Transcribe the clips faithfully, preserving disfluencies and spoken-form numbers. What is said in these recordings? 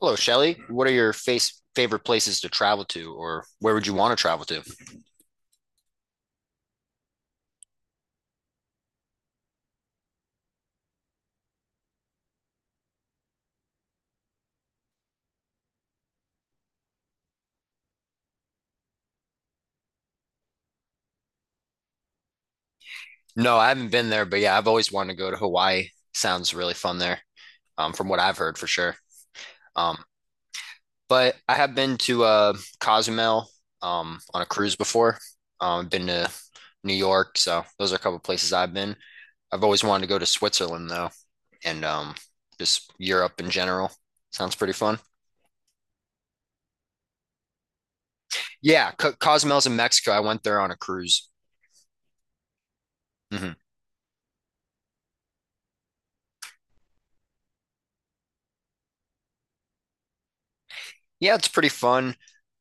Hello, Shelly. What are your face favorite places to travel to, or where would you want to travel to? No, I haven't been there, but yeah, I've always wanted to go to Hawaii. Sounds really fun there, um, from what I've heard for sure. Um, but I have been to uh, Cozumel um, on a cruise before. Um, I've been to New York, so those are a couple places I've been. I've always wanted to go to Switzerland though, and um, just Europe in general. Sounds pretty fun. Yeah, Co Cozumel's in Mexico. I went there on a cruise. Mhm. Yeah, it's pretty fun.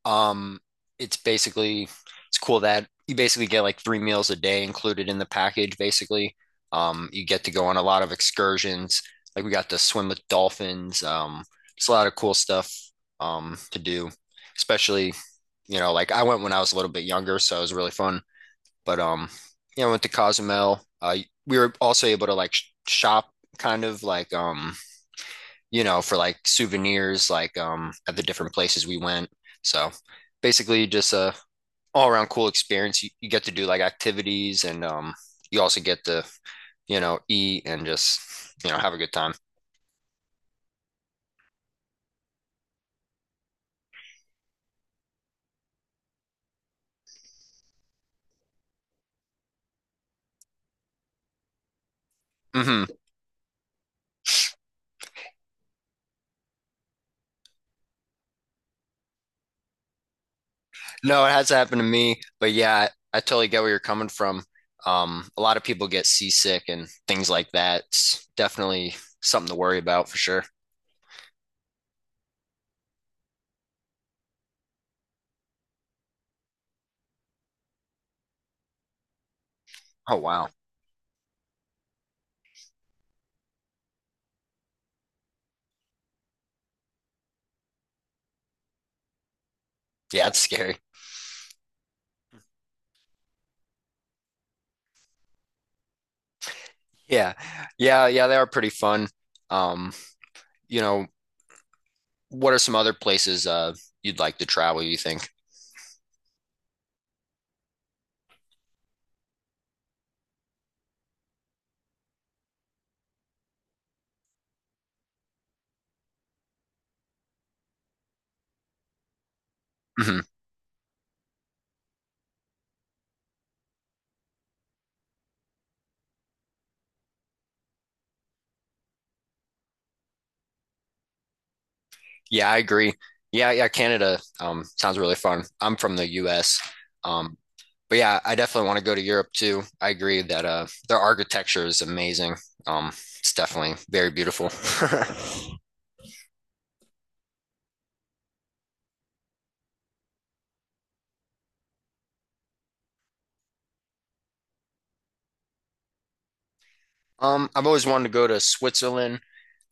Um, it's basically it's cool that you basically get like three meals a day included in the package, basically. Um, you get to go on a lot of excursions. Like we got to swim with dolphins. Um, it's a lot of cool stuff um to do. Especially, you know, like I went when I was a little bit younger, so it was really fun. But um, Yeah, I went to Cozumel. Uh, we were also able to like sh shop kind of like um you know, for like souvenirs, like um at the different places we went. So basically just a all around cool experience. You, you get to do like activities and um you also get to, you know, eat and just, you know, have a good time. Hmm. No, it has happened to me, but yeah, I, I totally get where you're coming from. Um, a lot of people get seasick and things like that. It's definitely something to worry about for sure. Oh wow. Yeah, it's scary. Yeah. Yeah, yeah, they are pretty fun. Um, you know, what are some other places uh, you'd like to travel, you think? Hmm. Yeah, I agree. Yeah, yeah, Canada um, sounds really fun. I'm from the U S. Um, but yeah, I definitely want to go to Europe too. I agree that uh, their architecture is amazing. Um, it's definitely very beautiful. Um, I've always wanted to go to Switzerland.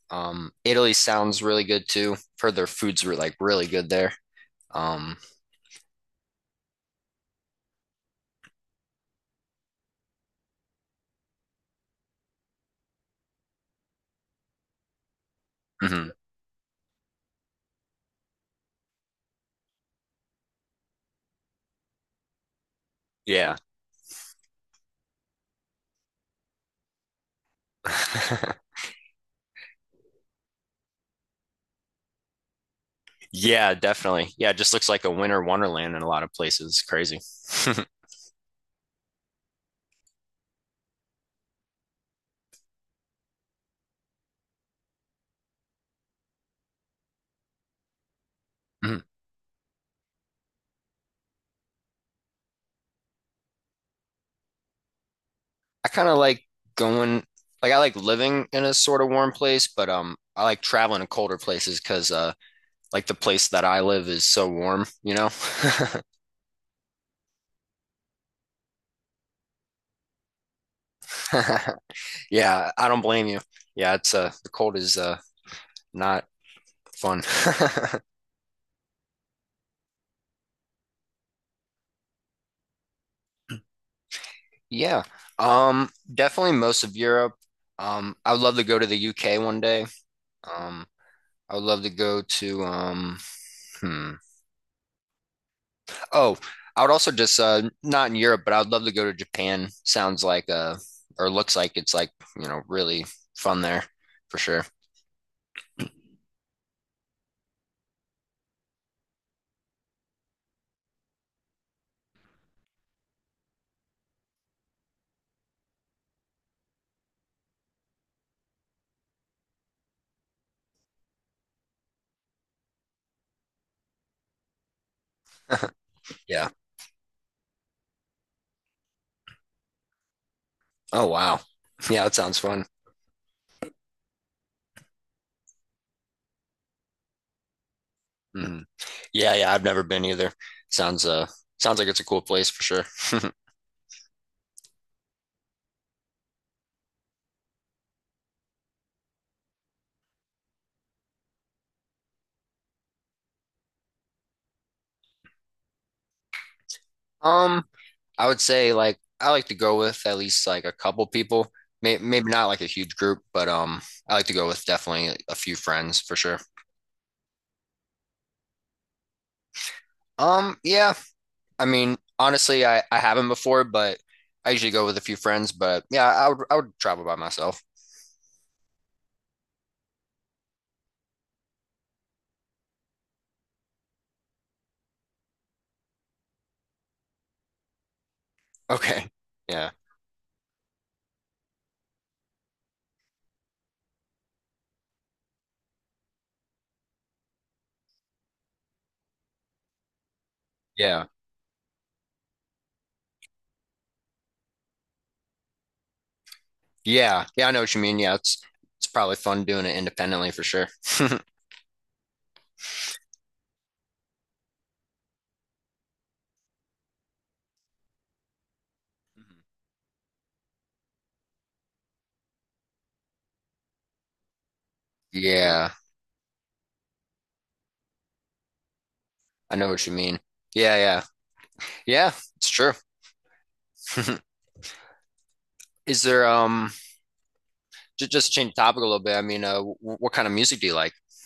Um, Italy sounds really good too. I've heard their foods were like really good there. Um, mhm. Yeah. Yeah, definitely. Yeah, it just looks like a winter wonderland in a lot of places. Crazy. Mhm. I kind of like going, like I like living in a sort of warm place, but um, I like traveling to colder places because uh, like the place that I live is so warm, you know? Yeah, I don't blame you. Yeah, it's uh, the cold is uh not fun. Yeah, um, definitely most of Europe. Um, I would love to go to the U K one day. Um, I would love to go to um, hmm. Oh, I would also just uh, not in Europe, but I would love to go to Japan. Sounds like uh or looks like it's like, you know, really fun there for sure. Yeah. Oh wow. Yeah, that sounds fun. Hmm. Yeah, yeah, I've never been either. Sounds uh Sounds like it's a cool place for sure. Um, I would say like I like to go with at least like a couple people. May maybe not like a huge group, but um I like to go with definitely a few friends for sure. Um, yeah. I mean, honestly, I, I haven't before, but I usually go with a few friends. But yeah, I would I would travel by myself. Okay. Yeah. Yeah. Yeah. Yeah, I know what you mean. Yeah, it's it's probably fun doing it independently for sure. Yeah, I know what you mean. Yeah, yeah. Yeah, it's true. Is there um just just to change the topic a little bit? I mean, uh, w what kind of music do you like?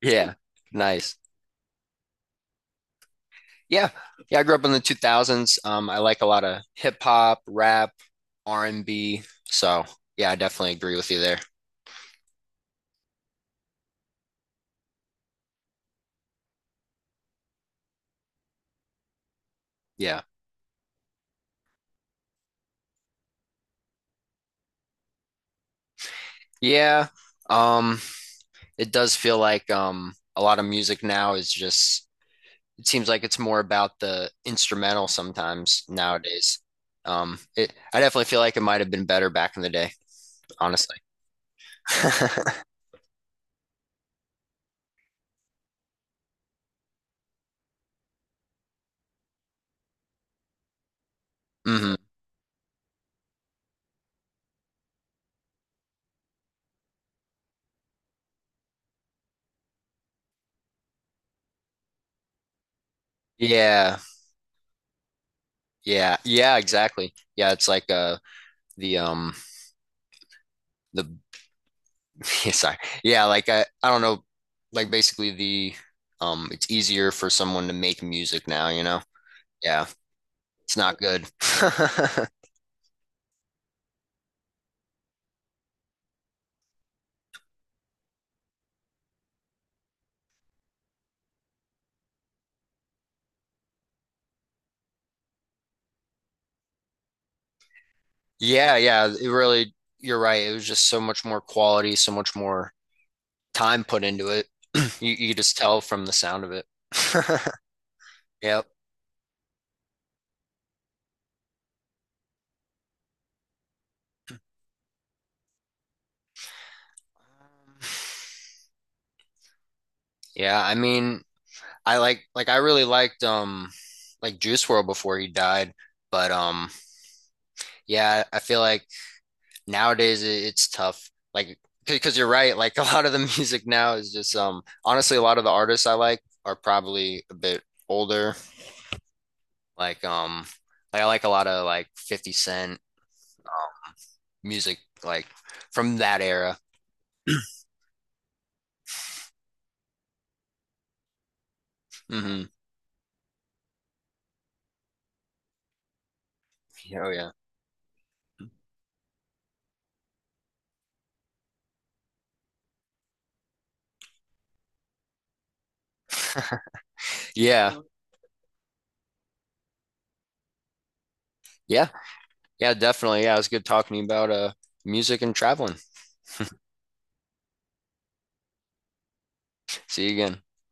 Yeah. Nice. Yeah. Yeah, I grew up in the two thousands. Um, I like a lot of hip hop, rap, R and B. So, yeah, I definitely agree with you there. Yeah. Yeah. Um, it does feel like um a lot of music now is just it seems like it's more about the instrumental sometimes nowadays. Um, it I definitely feel like it might have been better back in the day, honestly. Hmm. Yeah. Yeah. Yeah, exactly. Yeah, it's like uh the um the Yeah, sorry. Yeah, like I, I don't know, like basically the um it's easier for someone to make music now, you know? Yeah, it's not good. Yeah, yeah, it really you're right. It was just so much more quality, so much more time put into it. You you could just tell from the sound of it. Yep. Yeah, I mean, I like like I really liked um like Juice World before he died, but um yeah, I feel like nowadays it's tough. Like because you're right, like a lot of the music now is just um honestly a lot of the artists I like are probably a bit older. Like um like I like a lot of like fifty Cent music like from that era. Hmm. Oh yeah. Yeah. Yeah. Yeah, definitely. Yeah, it was good talking to you about uh music and traveling. See you again.